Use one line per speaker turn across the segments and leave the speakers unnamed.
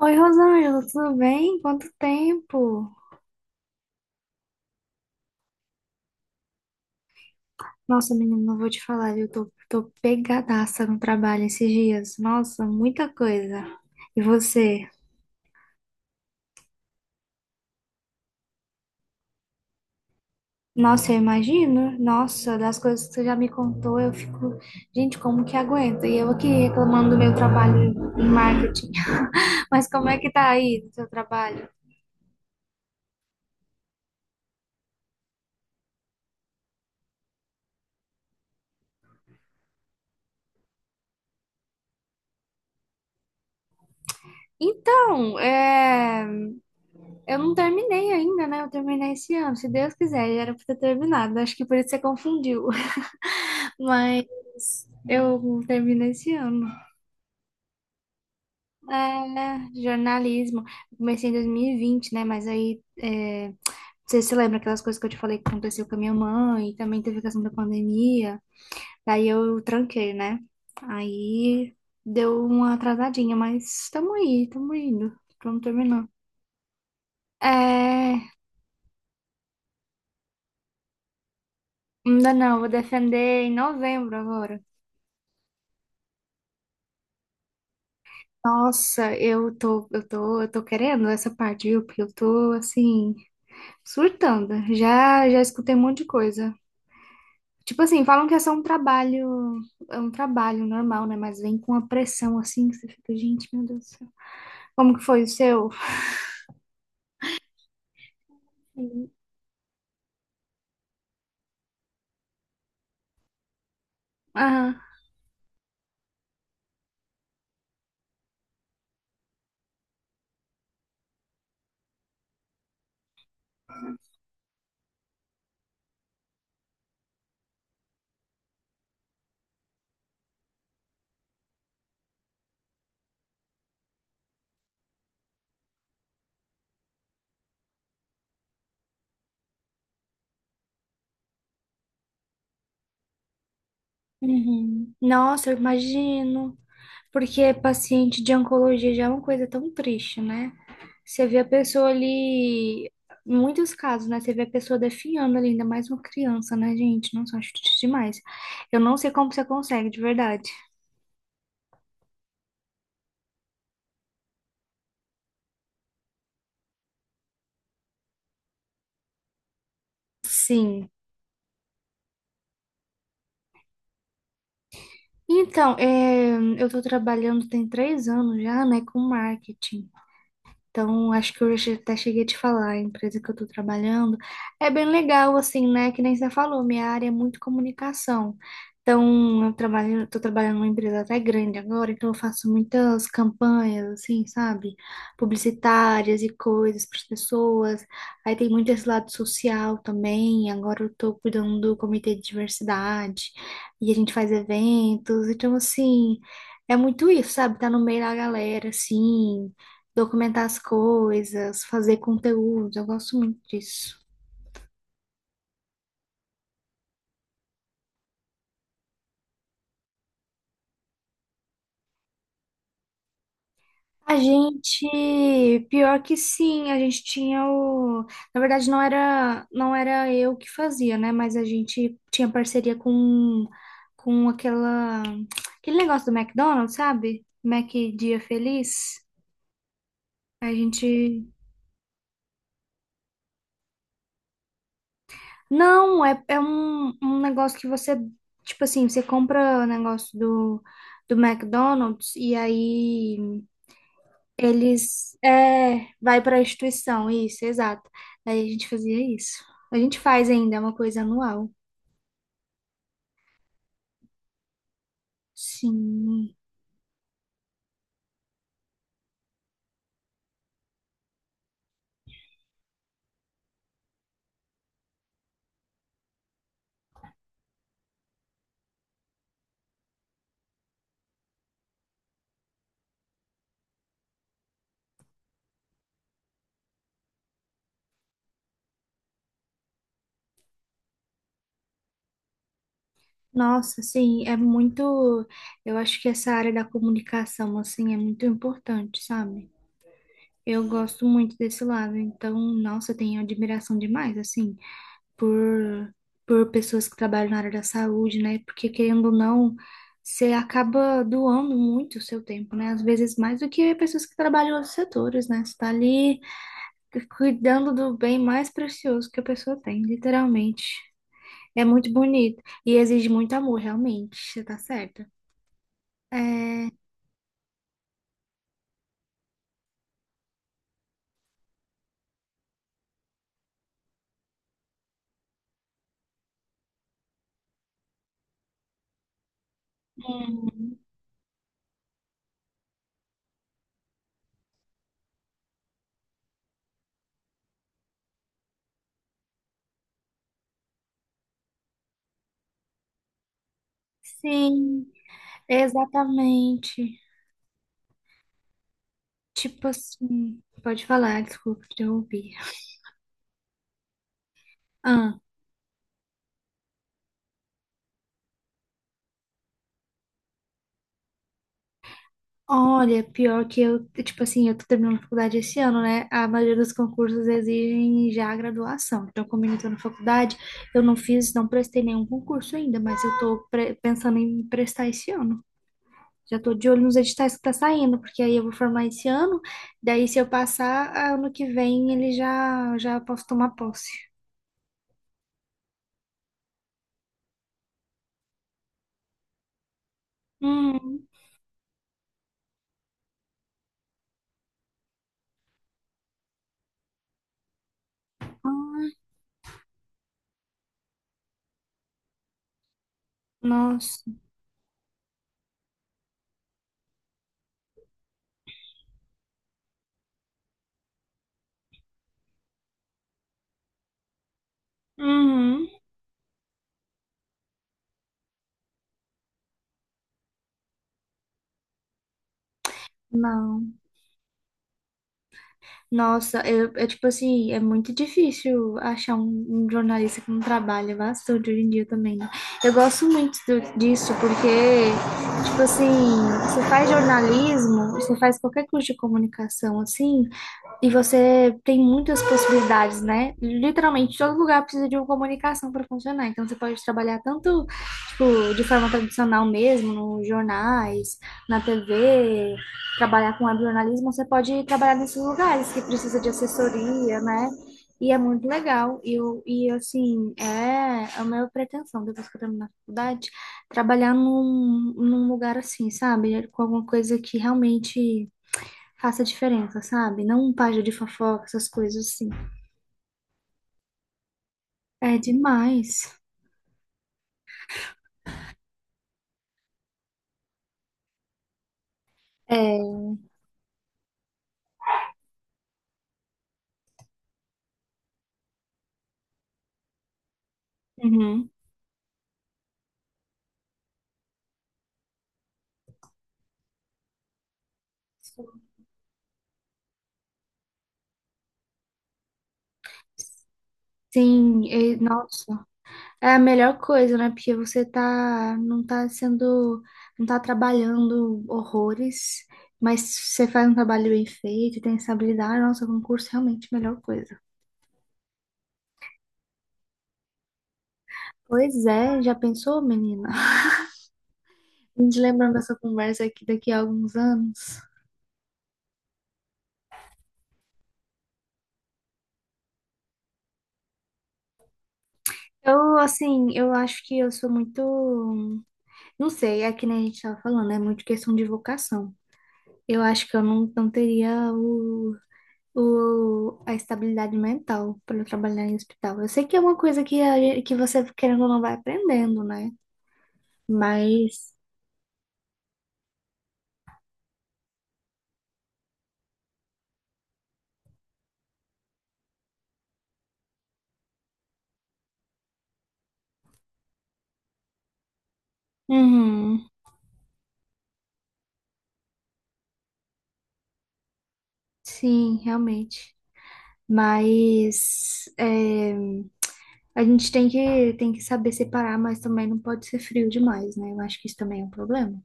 Oi, Rosângela, tudo bem? Quanto tempo? Nossa, menina, não vou te falar, eu tô pegadaça no trabalho esses dias. Nossa, muita coisa. E você? Nossa, eu imagino. Nossa, das coisas que você já me contou, eu fico, gente, como que aguenta? E eu aqui reclamando do meu trabalho em marketing. Mas como é que tá aí o seu trabalho? Então, é... eu não terminei ainda, né? Eu terminei esse ano, se Deus quiser, já era pra ter terminado. Acho que por isso você confundiu. Mas eu termino esse ano. É, jornalismo. Eu comecei em 2020, né? Mas aí, você se lembra aquelas coisas que eu te falei que aconteceu com a minha mãe? Também teve a questão da pandemia. Daí eu tranquei, né? Aí deu uma atrasadinha, mas estamos aí, estamos indo. Estamos terminando. É, ainda não, vou defender em novembro agora. Nossa, eu tô querendo essa parte, viu? Porque eu tô assim. Surtando. Já escutei um monte de coisa. Tipo assim, falam que é só um trabalho, é um trabalho normal, né? Mas vem com uma pressão assim que você fica, gente, meu Deus do céu. Como que foi o seu? Ah, uhum. Nossa, eu imagino. Porque paciente de oncologia já é uma coisa tão triste, né? Você vê a pessoa ali, em muitos casos, né? Você vê a pessoa definhando ali, ainda mais uma criança, né, gente? Nossa, eu acho triste demais. Eu não sei como você consegue, de verdade. Sim. Então, eu estou trabalhando tem 3 anos já, né, com marketing. Então, acho que eu já até cheguei a te falar, a empresa que eu estou trabalhando é bem legal, assim, né? Que nem você falou, minha área é muito comunicação. Então, estou trabalhando numa empresa até grande agora, então eu faço muitas campanhas, assim, sabe? Publicitárias e coisas para as pessoas. Aí tem muito esse lado social também. Agora eu estou cuidando do comitê de diversidade e a gente faz eventos. Então, assim, é muito isso, sabe? Tá no meio da galera, assim, documentar as coisas, fazer conteúdo, eu gosto muito disso. A gente, Pior que sim, a gente tinha o, na verdade não era eu que fazia, né, mas a gente tinha parceria com aquela, aquele negócio do McDonald's, sabe? Mac Dia Feliz. A gente Não, é um, um negócio que você, tipo assim, você compra o negócio do McDonald's e aí vai para a instituição, isso, exato. Aí a gente fazia isso. A gente faz ainda, é uma coisa anual. Sim. Nossa, sim, é muito. Eu acho que essa área da comunicação, assim, é muito importante, sabe? Eu gosto muito desse lado, então, nossa, eu tenho admiração demais, assim. por, por pessoas que trabalham na área da saúde, né? Porque querendo ou não, você acaba doando muito o seu tempo, né? Às vezes mais do que pessoas que trabalham em outros setores, né? Você está ali cuidando do bem mais precioso que a pessoa tem, literalmente. É muito bonito e exige muito amor, realmente. Você tá certa. É. Uhum. Sim, exatamente. Tipo assim, pode falar, desculpa te ouvir. Ah, olha, pior que eu, tipo assim, eu tô terminando a faculdade esse ano, né? A maioria dos concursos exigem já a graduação. Então, como eu ainda tô na faculdade, eu não fiz, não prestei nenhum concurso ainda, mas eu tô pensando em prestar esse ano. Já tô de olho nos editais que tá saindo, porque aí eu vou formar esse ano, daí se eu passar, ano que vem ele já já posso tomar posse. Hum. Ai, nossa. Uhum. Não. Nossa, eu, tipo assim, é muito difícil achar um, um jornalista que não trabalha é bastante hoje em dia também, né? Eu gosto muito disso, porque tipo assim, você faz jornalismo, você faz qualquer curso de comunicação, assim, e você tem muitas possibilidades, né? Literalmente, todo lugar precisa de uma comunicação para funcionar. Então, você pode trabalhar tanto, tipo, de forma tradicional mesmo, nos jornais, na TV, trabalhar com webjornalismo, você pode trabalhar nesses lugares que precisa de assessoria, né? E é muito legal. E, e assim, é a minha pretensão, depois que eu terminar a faculdade, trabalhar num, num lugar assim, sabe? Com alguma coisa que realmente faça diferença, sabe? Não um página de fofoca, essas coisas assim. É demais. É. Uhum. Sim, nossa, é a melhor coisa, né? Porque você tá, não tá trabalhando horrores, mas você faz um trabalho bem feito, tem estabilidade, nossa, concurso é realmente a melhor coisa. Pois é, já pensou, menina? A gente lembrando dessa conversa aqui daqui a alguns anos. Eu, assim, eu acho que eu sou muito. Não sei, é que nem a gente estava falando, é muito questão de vocação. Eu acho que eu não teria o, a estabilidade mental para trabalhar em hospital. Eu sei que é uma coisa que, que você, querendo ou não, vai aprendendo, né? Mas. Uhum, sim, realmente. Mas. É, a gente tem que saber separar, mas também não pode ser frio demais, né? Eu acho que isso também é um problema.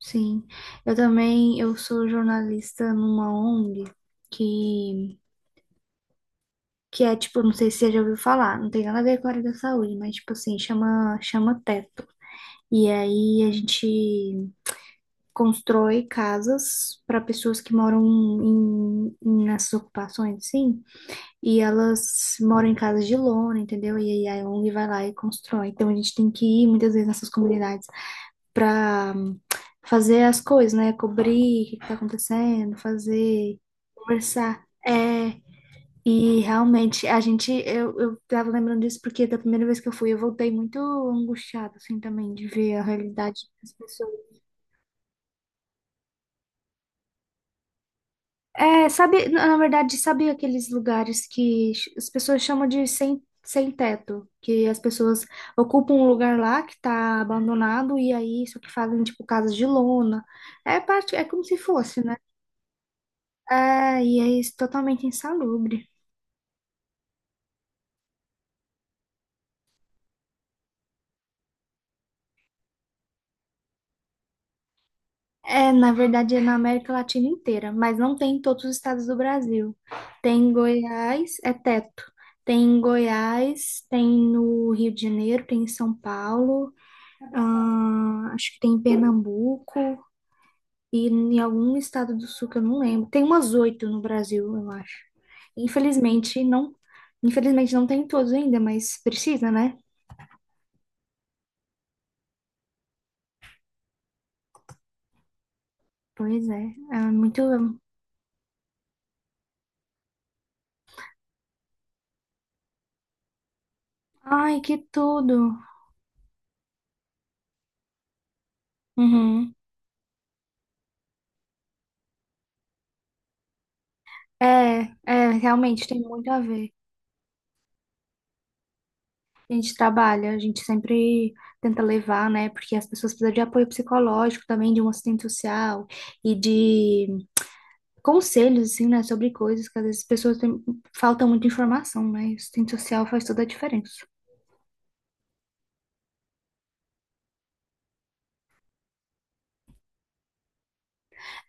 Sim, eu também, eu sou jornalista numa ONG que que é tipo, não sei se você já ouviu falar, não tem nada a ver com a área da saúde, mas tipo assim, chama teto. E aí a gente constrói casas para pessoas que moram em, nessas ocupações, sim, e elas moram em casas de lona, entendeu? E aí a ONG vai lá e constrói. Então a gente tem que ir muitas vezes nessas comunidades para fazer as coisas, né? Cobrir o que que tá acontecendo, fazer, conversar. É, e realmente, eu tava lembrando disso porque da primeira vez que eu fui, eu voltei muito angustiada, assim, também, de ver a realidade das pessoas. É, sabe, na verdade, sabe aqueles lugares que as pessoas chamam de sem teto, que as pessoas ocupam um lugar lá que tá abandonado e aí só que fazem, tipo, casas de lona. É parte, é como se fosse, né? É, e é isso, totalmente insalubre. É, na verdade, é na América Latina inteira, mas não tem em todos os estados do Brasil. Tem em Goiás, é teto. Tem em Goiás, tem no Rio de Janeiro, tem em São Paulo, ah, acho que tem em Pernambuco e em algum estado do sul que eu não lembro. Tem umas oito no Brasil, eu acho. Infelizmente, não, infelizmente não tem em todos ainda, mas precisa, né? Pois é, é muito. Ai, que tudo! Uhum. É, é, realmente tem muito a ver. A gente trabalha, a gente sempre tenta levar, né? Porque as pessoas precisam de apoio psicológico também, de um assistente social e de conselhos, assim, né? Sobre coisas que às vezes as pessoas têm, falta muita informação, né? E o assistente social faz toda a diferença.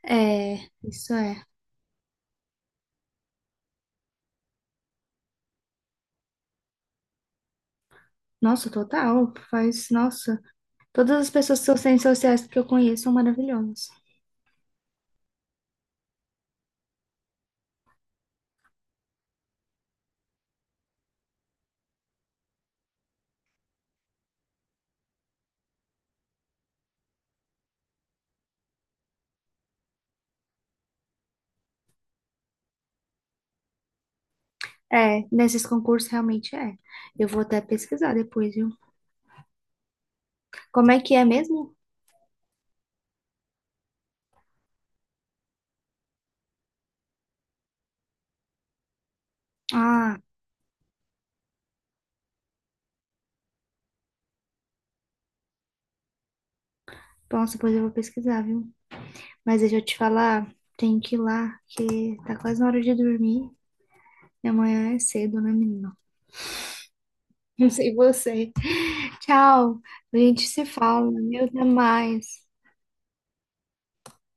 É, isso é. Nossa, total, faz, nossa. Todas as pessoas que são assistentes sociais que eu conheço são maravilhosas. É, nesses concursos realmente é. Eu vou até pesquisar depois, viu? Como é que é mesmo? Ah, nossa, depois eu vou pesquisar, viu? Mas deixa eu te falar, tem que ir lá, que tá quase na hora de dormir. E amanhã é cedo, né, menina? Não sei você. Tchau. A gente se fala. Meu, até mais.